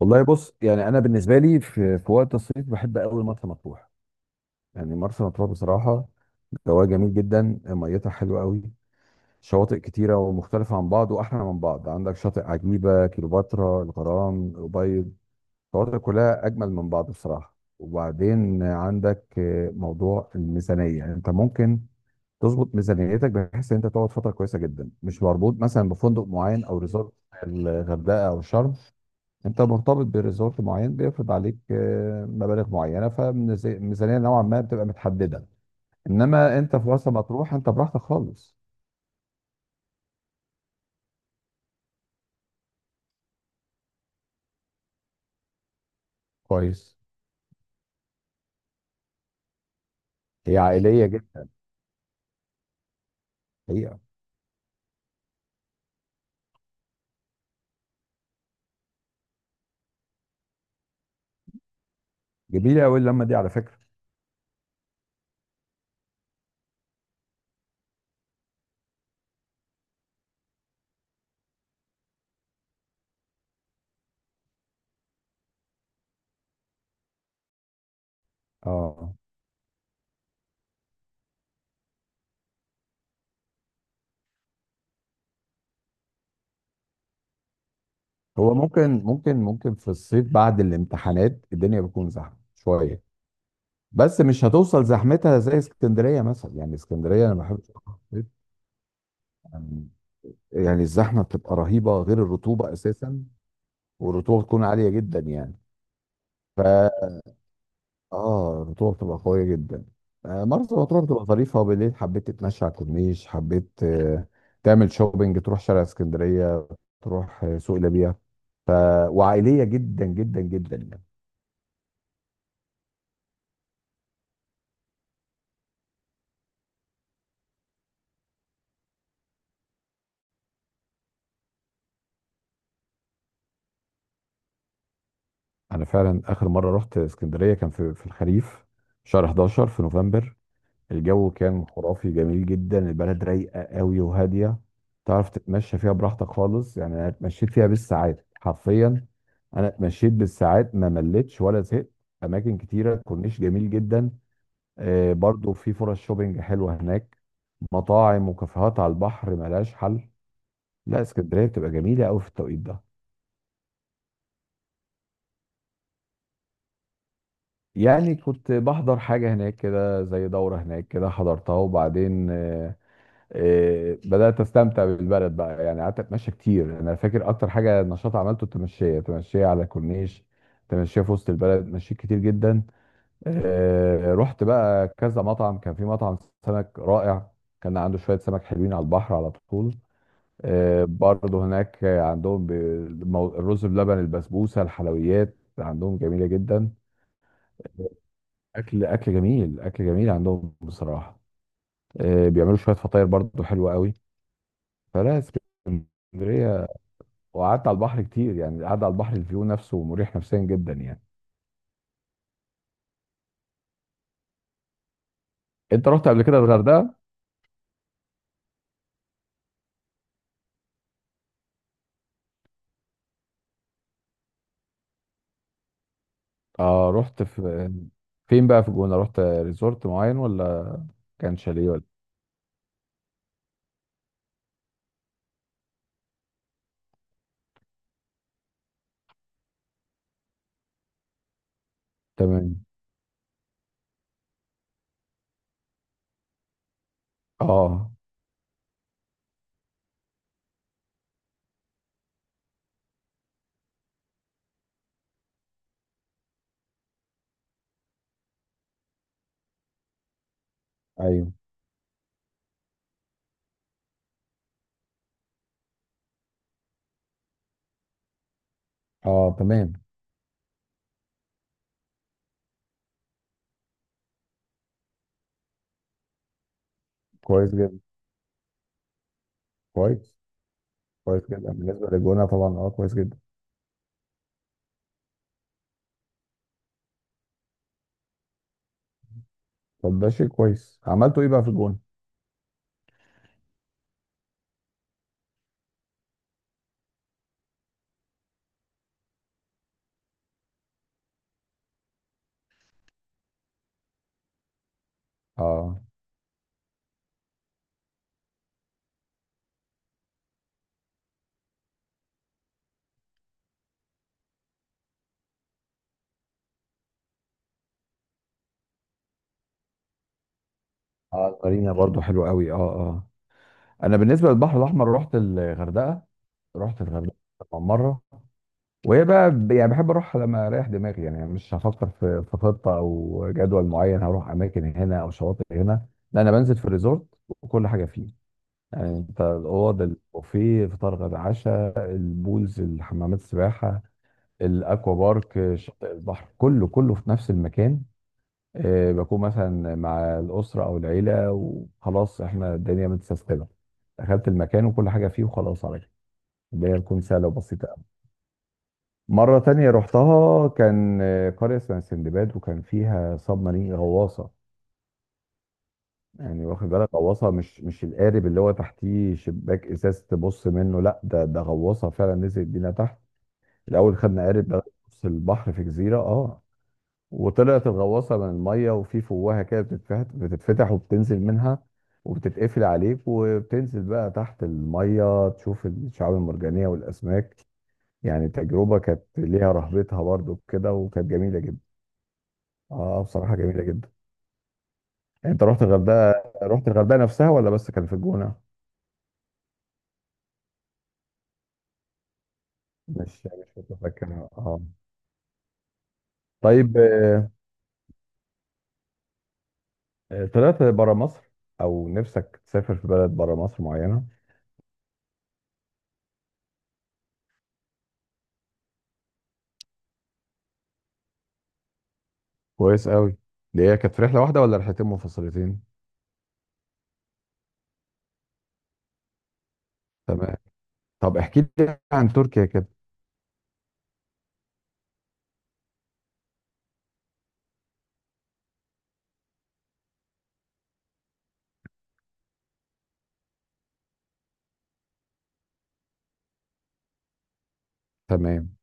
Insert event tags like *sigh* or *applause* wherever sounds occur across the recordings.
والله بص يعني انا بالنسبه لي في وقت الصيف بحب قوي مرسى مطروح. يعني مرسى مطروح بصراحه جواها جميل جدا، ميتها حلوه قوي. شواطئ كتيره ومختلفه عن بعض واحلى من بعض، عندك شاطئ عجيبه، كيلوباترا، الغرام، الأبيض، الشواطئ كلها اجمل من بعض بصراحه. وبعدين عندك موضوع الميزانيه، يعني انت ممكن تظبط ميزانيتك بحيث ان انت تقعد فتره كويسه جدا مش مربوط مثلا بفندق معين او ريزورت الغردقه او شرم. انت مرتبط بريزورت معين بيفرض عليك مبالغ معينه، فميزانيه نوعا ما بتبقى متحدده. انما انت في مرسى مطروح انت براحتك خالص. كويس. هي عائليه جدا، حقيقه. جميله قوي اللمه دي على فكره. اه، هو ممكن ممكن في الصيف بعد الامتحانات الدنيا بتكون زحمه شويه، بس مش هتوصل زحمتها زي اسكندريه مثلا. يعني اسكندريه انا ما بحبش أروحها في الصيف. يعني يعني الزحمه بتبقى رهيبه، غير الرطوبه اساسا، والرطوبه بتكون عاليه جدا يعني. ف اه الرطوبه بتبقى قويه جدا. مرسى مطروح بتبقى ظريفه، وبالليل حبيت تتمشى على الكورنيش، حبيت تعمل شوبينج، تروح شارع اسكندريه، تروح سوق ليبيا. ف... وعائليه جدا جدا جدا يعني. انا فعلا اخر مره رحت اسكندريه كان في الخريف، شهر 11 في نوفمبر. الجو كان خرافي جميل جدا، البلد رايقه قوي وهاديه. تعرف تتمشى فيها براحتك خالص، يعني انا اتمشيت فيها بالساعات حرفيا. انا اتمشيت بالساعات ما مليتش ولا زهقت. اماكن كتيره، كورنيش جميل جدا. برضو في فرص شوبينج حلوه هناك، مطاعم وكافيهات على البحر ملهاش حل. لا اسكندريه بتبقى جميله قوي في التوقيت ده. يعني كنت بحضر حاجه هناك كده، زي دوره هناك كده حضرتها، وبعدين بدات استمتع بالبلد بقى. يعني قعدت اتمشى كتير، يعني انا فاكر اكتر حاجه نشاط عملته التمشيه، تمشيه على الكورنيش، تمشيه في وسط البلد، مشيت كتير جدا. رحت بقى كذا مطعم، كان في مطعم سمك رائع، كان عنده شويه سمك حلوين على البحر على طول. برضه هناك عندهم الرز بلبن، البسبوسه، الحلويات عندهم جميله جدا. اكل، اكل جميل عندهم بصراحه. بيعملوا شويه فطاير برضه حلوه قوي. فلا، اسكندريه. وقعدت على البحر كتير، يعني القعده على البحر الفيو نفسه مريح نفسيا جدا يعني. انت رحت قبل كده الغردقه؟ اه، رحت في فين بقى، في الجونه رحت ريزورت معين ولا كان شاليه ولا؟ تمام. اه. ايوه. اه، تمام. كويس جدا. كويس. كويس جدا بالنسبه للجونه طبعا، اه كويس جدا. طب ده شيء كويس. عملتوا ايه بقى في الجونه؟ اه اه، مارينا برضو حلو قوي، اه اه. انا بالنسبه للبحر الاحمر رحت الغردقه. رحت الغردقه طبعاً مره، وهي بقى يعني بحب اروح لما اريح دماغي، يعني مش هفكر في خطه او جدول معين، هروح اماكن هنا او شواطئ هنا. لا، انا بنزل في الريزورت وكل حاجه فيه. يعني انت الاوض، البوفيه، فطار غدا عشاء، البولز، الحمامات السباحه، الاكوا بارك، شاطئ البحر، كله كله في نفس المكان. بكون مثلا مع الاسره او العيله وخلاص، احنا الدنيا متسيستمه. دخلت المكان وكل حاجه فيه وخلاص، على كده الدنيا تكون سهله وبسيطه. مرة تانية رحتها كان قرية اسمها سندباد، وكان فيها سب مارين، غواصة. يعني واخد بالك، غواصة، مش القارب اللي هو تحتيه شباك إزاز تبص منه، لا ده غواصة فعلا نزلت بينا تحت. الأول خدنا قارب لغاية نص البحر في جزيرة اه، وطلعت الغواصة من المية، وفي فوهة كده بتتفتح، وبتنزل منها، وبتتقفل عليك وبتنزل بقى تحت المية تشوف الشعاب المرجانية والأسماك. يعني تجربة كانت ليها رهبتها برضو كده، وكانت جميلة جدا. اه بصراحة جميلة جدا. يعني انت رحت الغردقة؟ رحت الغردقة نفسها ولا بس كان في الجونة؟ مش متذكر، اه طيب. طلعت برا مصر؟ او نفسك تسافر في بلد برا مصر معينة؟ كويس قوي. دي هي كانت في رحلة واحدة ولا رحلتين منفصلتين؟ تمام. طب احكي لي عن تركيا كده. تمام.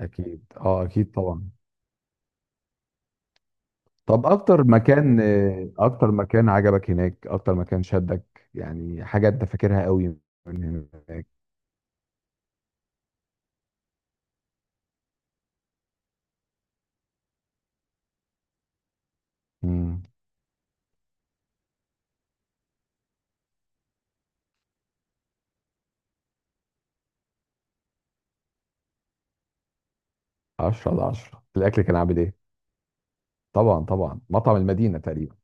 اكيد اه، اكيد طبعا. طب اكتر مكان اكتر مكان عجبك هناك، اكتر مكان شدك يعني، حاجة انت فاكرها قوي من هناك. مم. 10 على 10 الاكل كان عامل ايه؟ طبعا طبعا، مطعم المدينه تقريبا.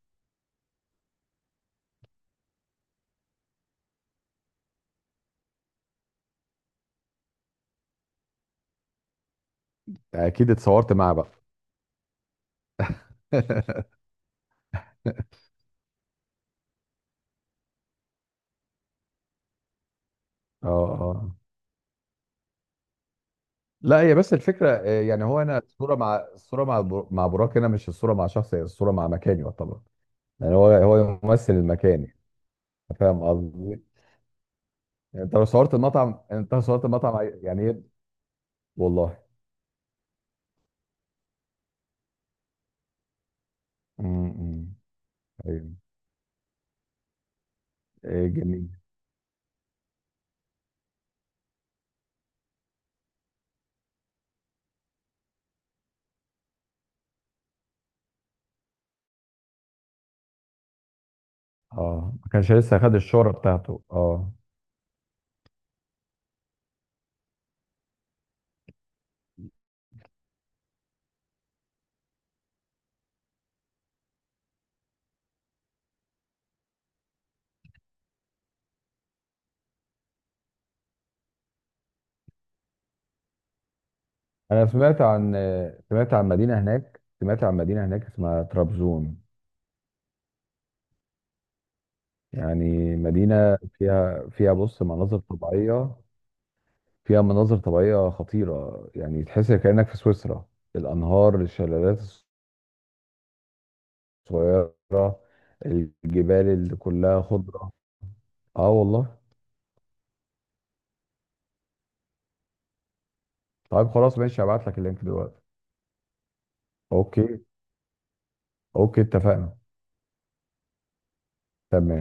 اكيد اتصورت معاه بقى؟ *laughs* اه اه. لا هي بس الفكره يعني هو انا الصوره، مع مع براك هنا مش الصوره مع شخص، هي الصوره مع مكان يعتبر. يعني هو ممثل المكان يعني. فاهم قصدي؟ يعني انت لو صورت المطعم، يعني ايه. والله. امم، أمم. ايوه. إيه جميل. اه ما كانش لسه خد الشهره بتاعته اه. انا سمعت عن، سمعت عن مدينه هناك اسمها طرابزون. يعني مدينه فيها، بص مناظر طبيعيه، فيها مناظر طبيعيه خطيره، يعني تحس كانك في سويسرا. الانهار، الشلالات الصغيره، الجبال اللي كلها خضره. اه والله. طيب خلاص ماشي، هبعت لك اللينك دلوقتي. اوكي، اوكي اتفقنا. تمام.